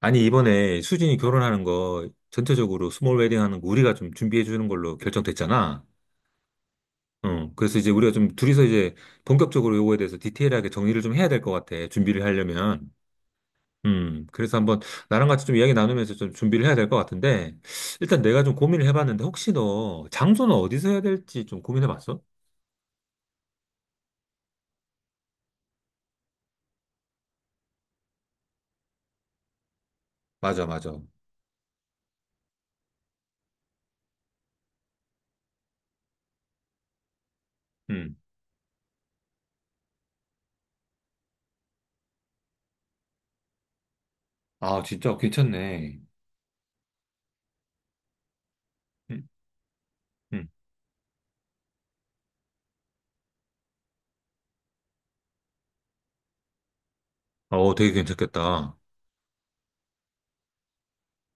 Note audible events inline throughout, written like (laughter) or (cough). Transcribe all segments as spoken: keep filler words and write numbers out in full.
아니, 이번에 수진이 결혼하는 거 전체적으로 스몰 웨딩 하는 거 우리가 좀 준비해 주는 걸로 결정됐잖아. 응. 그래서 이제 우리가 좀 둘이서 이제 본격적으로 요거에 대해서 디테일하게 정리를 좀 해야 될 것 같아. 준비를 하려면. 음. 그래서 한번 나랑 같이 좀 이야기 나누면서 좀 준비를 해야 될 것 같은데, 일단 내가 좀 고민을 해봤는데 혹시 너 장소는 어디서 해야 될지 좀 고민해 봤어? 맞아, 맞아. 음. 아, 진짜 괜찮네. 음, 음. 어, 되게 괜찮겠다.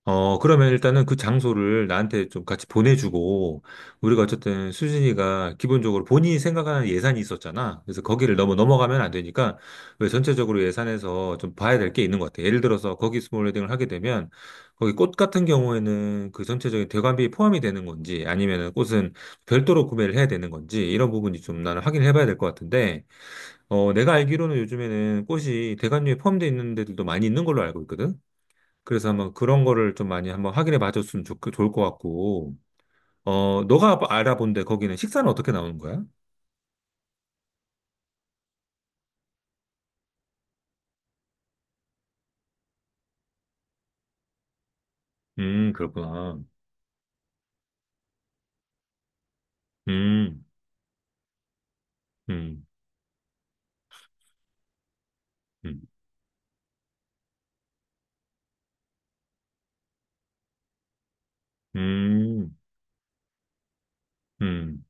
어, 그러면 일단은 그 장소를 나한테 좀 같이 보내주고, 우리가 어쨌든 수진이가 기본적으로 본인이 생각하는 예산이 있었잖아. 그래서 거기를 너무 넘어가면 안 되니까, 왜 전체적으로 예산에서 좀 봐야 될 게 있는 것 같아. 예를 들어서 거기 스몰웨딩을 하게 되면, 거기 꽃 같은 경우에는 그 전체적인 대관비 포함이 되는 건지, 아니면은 꽃은 별도로 구매를 해야 되는 건지, 이런 부분이 좀 나는 확인을 해봐야 될 것 같은데, 어, 내가 알기로는 요즘에는 꽃이 대관료에 포함되어 있는 데들도 많이 있는 걸로 알고 있거든? 그래서 한번 그런 거를 좀 많이 한번 확인해 봐줬으면 좋, 좋을 것 같고, 어, 너가 알아본 데 거기는 식사는 어떻게 나오는 거야? 음, 그렇구나. 음, 음, 음, 음, 음.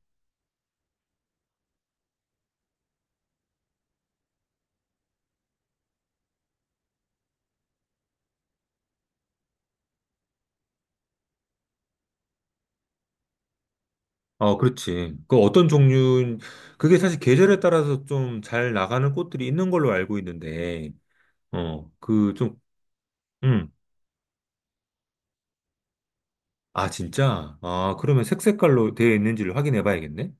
어, 그렇지. 그 어떤 종류, 그게 사실 계절에 따라서 좀 잘 나가는 꽃들이 있는 걸로 알고 있는데, 어, 그 좀, 음. 아, 진짜? 아, 그러면 색 색깔로 되어 있는지를 확인해 봐야겠네?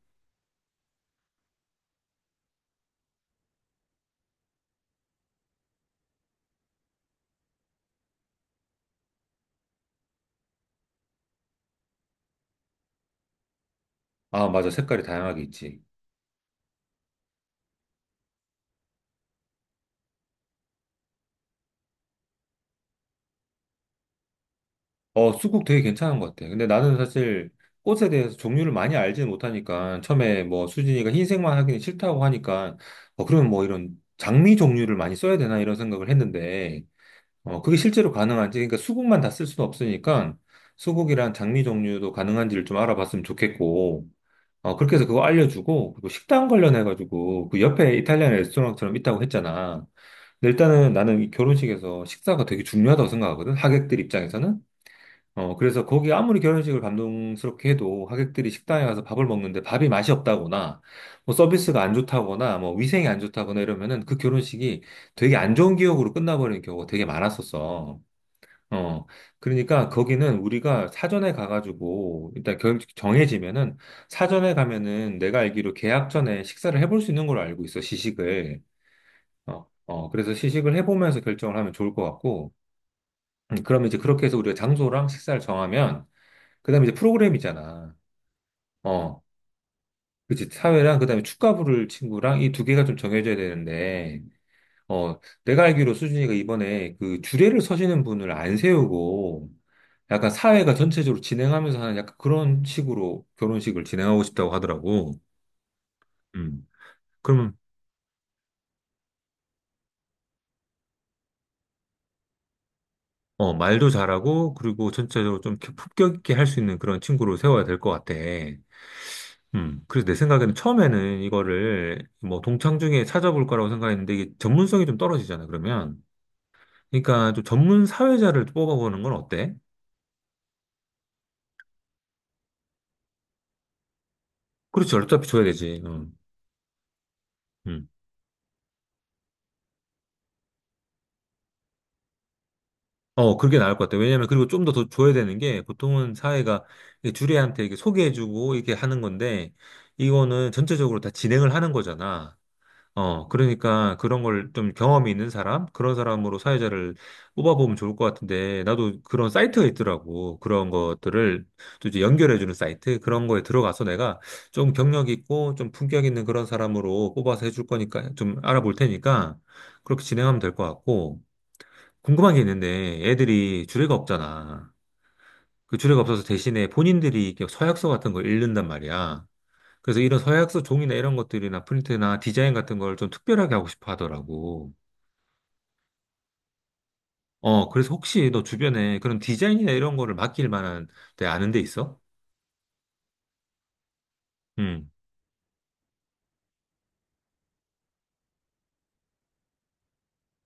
아, 맞아. 색깔이 다양하게 있지. 어, 쑥국 되게 괜찮은 것 같아. 근데 나는 사실 꽃에 대해서 종류를 많이 알지는 못하니까 처음에 뭐 수진이가 흰색만 하기는 싫다고 하니까 어, 그러면 뭐 이런 장미 종류를 많이 써야 되나 이런 생각을 했는데, 어, 그게 실제로 가능한지, 그러니까 수국만 다 쓸 수는 없으니까 수국이랑 장미 종류도 가능한지를 좀 알아봤으면 좋겠고, 어, 그렇게 해서 그거 알려주고 그리고 식당 관련해가지고 그 옆에 이탈리안 레스토랑처럼 있다고 했잖아. 근데 일단은 나는 이 결혼식에서 식사가 되게 중요하다고 생각하거든. 하객들 입장에서는. 어, 그래서 거기 아무리 결혼식을 감동스럽게 해도 하객들이 식당에 가서 밥을 먹는데 밥이 맛이 없다거나 뭐 서비스가 안 좋다거나 뭐 위생이 안 좋다거나 이러면은 그 결혼식이 되게 안 좋은 기억으로 끝나버리는 경우가 되게 많았었어. 어, 그러니까 거기는 우리가 사전에 가가지고 일단 결, 정해지면은 사전에 가면은 내가 알기로 계약 전에 식사를 해볼 수 있는 걸로 알고 있어, 시식을. 어, 어, 그래서 시식을 해보면서 결정을 하면 좋을 것 같고, 음, 그러면 이제 그렇게 해서 우리가 장소랑 식사를 정하면 그다음에 이제 프로그램이잖아. 어, 그치. 사회랑 그다음에 축가부를 친구랑 이 두 개가 좀 정해져야 되는데, 어, 내가 알기로 수진이가 이번에 그 주례를 서시는 분을 안 세우고, 약간 사회가 전체적으로 진행하면서 하는 약간 그런 식으로 결혼식을 진행하고 싶다고 하더라고. 음. 그러면 어, 말도 잘하고 그리고 전체적으로 좀 품격 있게 할 수 있는 그런 친구로 세워야 될 것 같아. 음, 그래서 내 생각에는 처음에는 이거를 뭐 동창 중에 찾아볼 거라고 생각했는데 이게 전문성이 좀 떨어지잖아, 그러면. 그러니까 좀 전문 사회자를 뽑아보는 건 어때? 그렇지, 어차피 줘야 되지. 응. 음. 어, 그게 나을 것 같아. 왜냐면 그리고 좀 더 더 줘야 되는 게 보통은 사회가 이게 주례한테 이렇게 소개해주고 이렇게 하는 건데 이거는 전체적으로 다 진행을 하는 거잖아. 어, 그러니까 그런 걸 좀 경험이 있는 사람, 그런 사람으로 사회자를 뽑아보면 좋을 것 같은데, 나도 그런 사이트가 있더라고. 그런 것들을 또 이제 연결해주는 사이트, 그런 거에 들어가서 내가 좀 경력 있고 좀 품격 있는 그런 사람으로 뽑아서 해줄 거니까 좀 알아볼 테니까 그렇게 진행하면 될 것 같고, 궁금한 게 있는데 애들이 주례가 없잖아. 그 주례가 없어서 대신에 본인들이 이렇게 서약서 같은 걸 읽는단 말이야. 그래서 이런 서약서 종이나 이런 것들이나 프린트나 디자인 같은 걸 좀 특별하게 하고 싶어 하더라고. 어, 그래서 혹시 너 주변에 그런 디자인이나 이런 거를 맡길 만한 데 아는 데 있어? 음.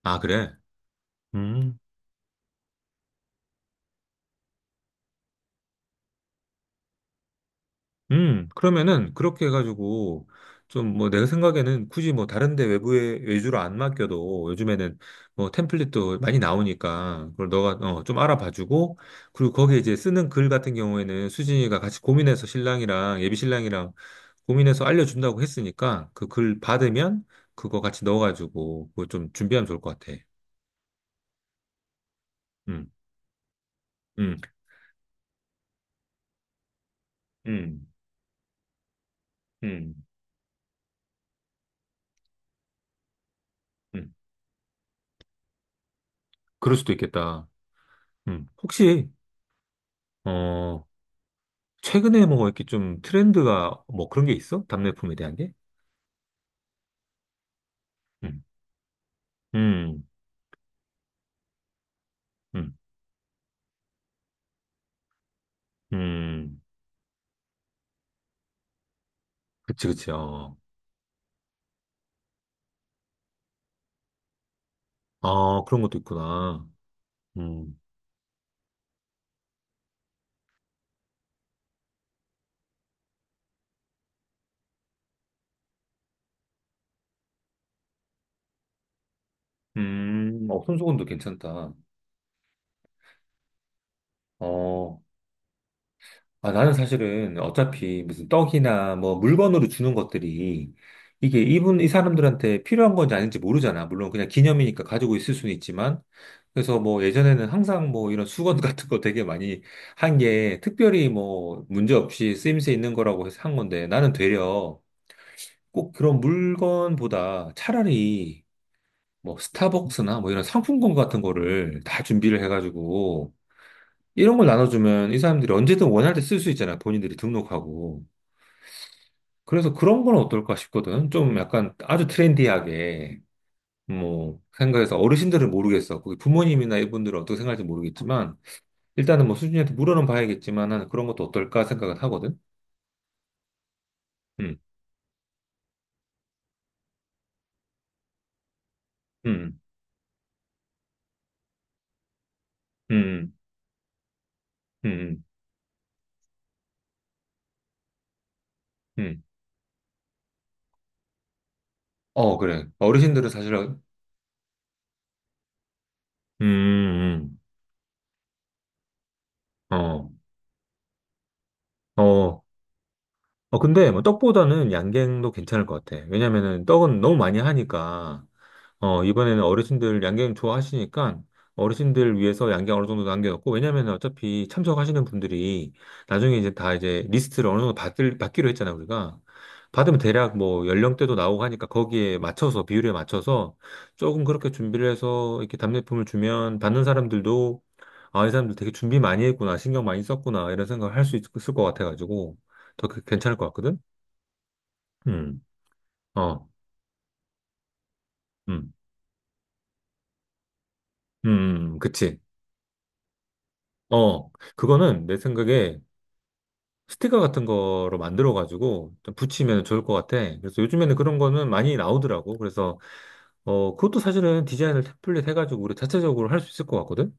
아, 그래? 음, 그러면은 그렇게 해가지고 좀 뭐 내가 생각에는 굳이 뭐 다른 데 외부에 외주로 안 맡겨도 요즘에는 뭐 템플릿도 많이 나오니까 그걸 너가 어, 좀 알아봐주고 그리고 거기에 이제 쓰는 글 같은 경우에는 수진이가 같이 고민해서 신랑이랑 예비 신랑이랑 고민해서 알려준다고 했으니까 그 글 받으면 그거 같이 넣어가지고 그거 좀 준비하면 좋을 것 같아. 음, 음, 음, 음, 음. 그럴 수도 있겠다. 음, 혹시 어. 최근에 뭐 이렇게 좀 트렌드가 뭐 그런 게 있어? 답례품에 대한 게? 음, 음, 음, 음. 그치, 그치. 어. 아, 그런 것도 있구나. 음, 음, 어, 손수건도 괜찮다. 어, 아, 나는 사실은 어차피 무슨 떡이나 뭐 물건으로 주는 것들이 이게 이분, 이 사람들한테 필요한 건지 아닌지 모르잖아. 물론 그냥 기념이니까 가지고 있을 수는 있지만. 그래서 뭐 예전에는 항상 뭐 이런 수건 (laughs) 같은 거 되게 많이 한 게 특별히 뭐 문제 없이 쓰임새 있는 거라고 해서 한 건데 나는 되려 꼭 그런 물건보다 차라리 뭐 스타벅스나 뭐 이런 상품권 같은 거를 다 준비를 해가지고 이런 걸 나눠주면 이 사람들이 언제든 원할 때 쓸 수 있잖아. 본인들이 등록하고. 그래서 그런 건 어떨까 싶거든. 좀 약간 아주 트렌디하게, 뭐, 생각해서 어르신들은 모르겠어. 거기 부모님이나 이분들은 어떻게 생각할지 모르겠지만, 일단은 뭐 수진이한테 물어는 봐야겠지만, 은 그런 것도 어떨까 생각은 하거든. 음, 음, 음, 음, 음. 음. 어, 그래. 어르신들은 사실, 음, 음. 음. 어, 어. 어, 근데 뭐 떡보다는 양갱도 괜찮을 것 같아. 왜냐면은 떡은 너무 많이 하니까, 어, 이번에는 어르신들 양갱 좋아하시니까 어르신들 위해서 양갱 어느 정도 남겨놓고, 왜냐면 어차피 참석하시는 분들이 나중에 이제 다 이제 리스트를 어느 정도 받을, 받기로 했잖아, 우리가. 받으면 대략 뭐 연령대도 나오고 하니까 거기에 맞춰서, 비율에 맞춰서 조금 그렇게 준비를 해서 이렇게 답례품을 주면 받는 사람들도 아, 이 사람들 되게 준비 많이 했구나, 신경 많이 썼구나, 이런 생각을 할 수 있을 것 같아가지고 더 괜찮을 것 같거든? 음, 어, 음, 음, 음, 그치. 어, 그거는 내 생각에 스티커 같은 거로 만들어가지고 좀 붙이면 좋을 것 같아. 그래서 요즘에는 그런 거는 많이 나오더라고. 그래서, 어, 그것도 사실은 디자인을 템플릿 해가지고 우리 자체적으로 할 수 있을 것 같거든?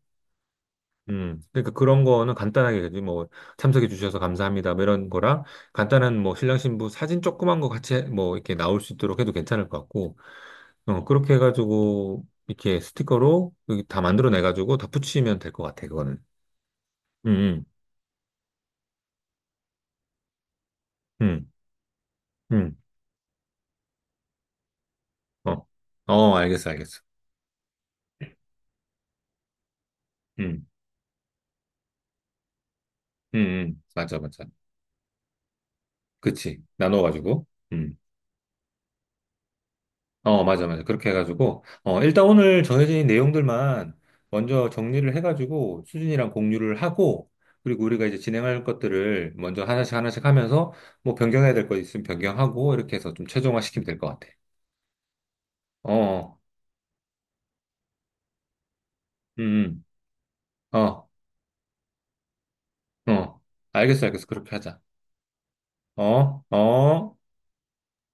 음, 그러니까 그런 거는 간단하게, 그지? 뭐, 참석해 주셔서 감사합니다. 뭐 이런 거랑 간단한 뭐, 신랑 신부 사진 조그만 거 같이 뭐, 이렇게 나올 수 있도록 해도 괜찮을 것 같고, 어, 그렇게 해가지고 이렇게 스티커로 여기 다 만들어내가지고 다 붙이면 될 것 같아, 그거는. 음, 음, 음. 음. 어, 어, 알겠어, 알겠어. 음, 음, 음, 맞아, 맞아. 그치. 나눠가지고. 음, 어, 맞아, 맞아. 그렇게 해가지고. 어, 일단 오늘 정해진 내용들만 먼저 정리를 해가지고 수진이랑 공유를 하고, 그리고 우리가 이제 진행할 것들을 먼저 하나씩 하나씩 하면서 뭐 변경해야 될 거 있으면 변경하고, 이렇게 해서 좀 최종화 시키면 될 것 같아. 어, 음, 음. 어, 어. 알겠어, 알겠어. 그렇게 하자. 어, 어.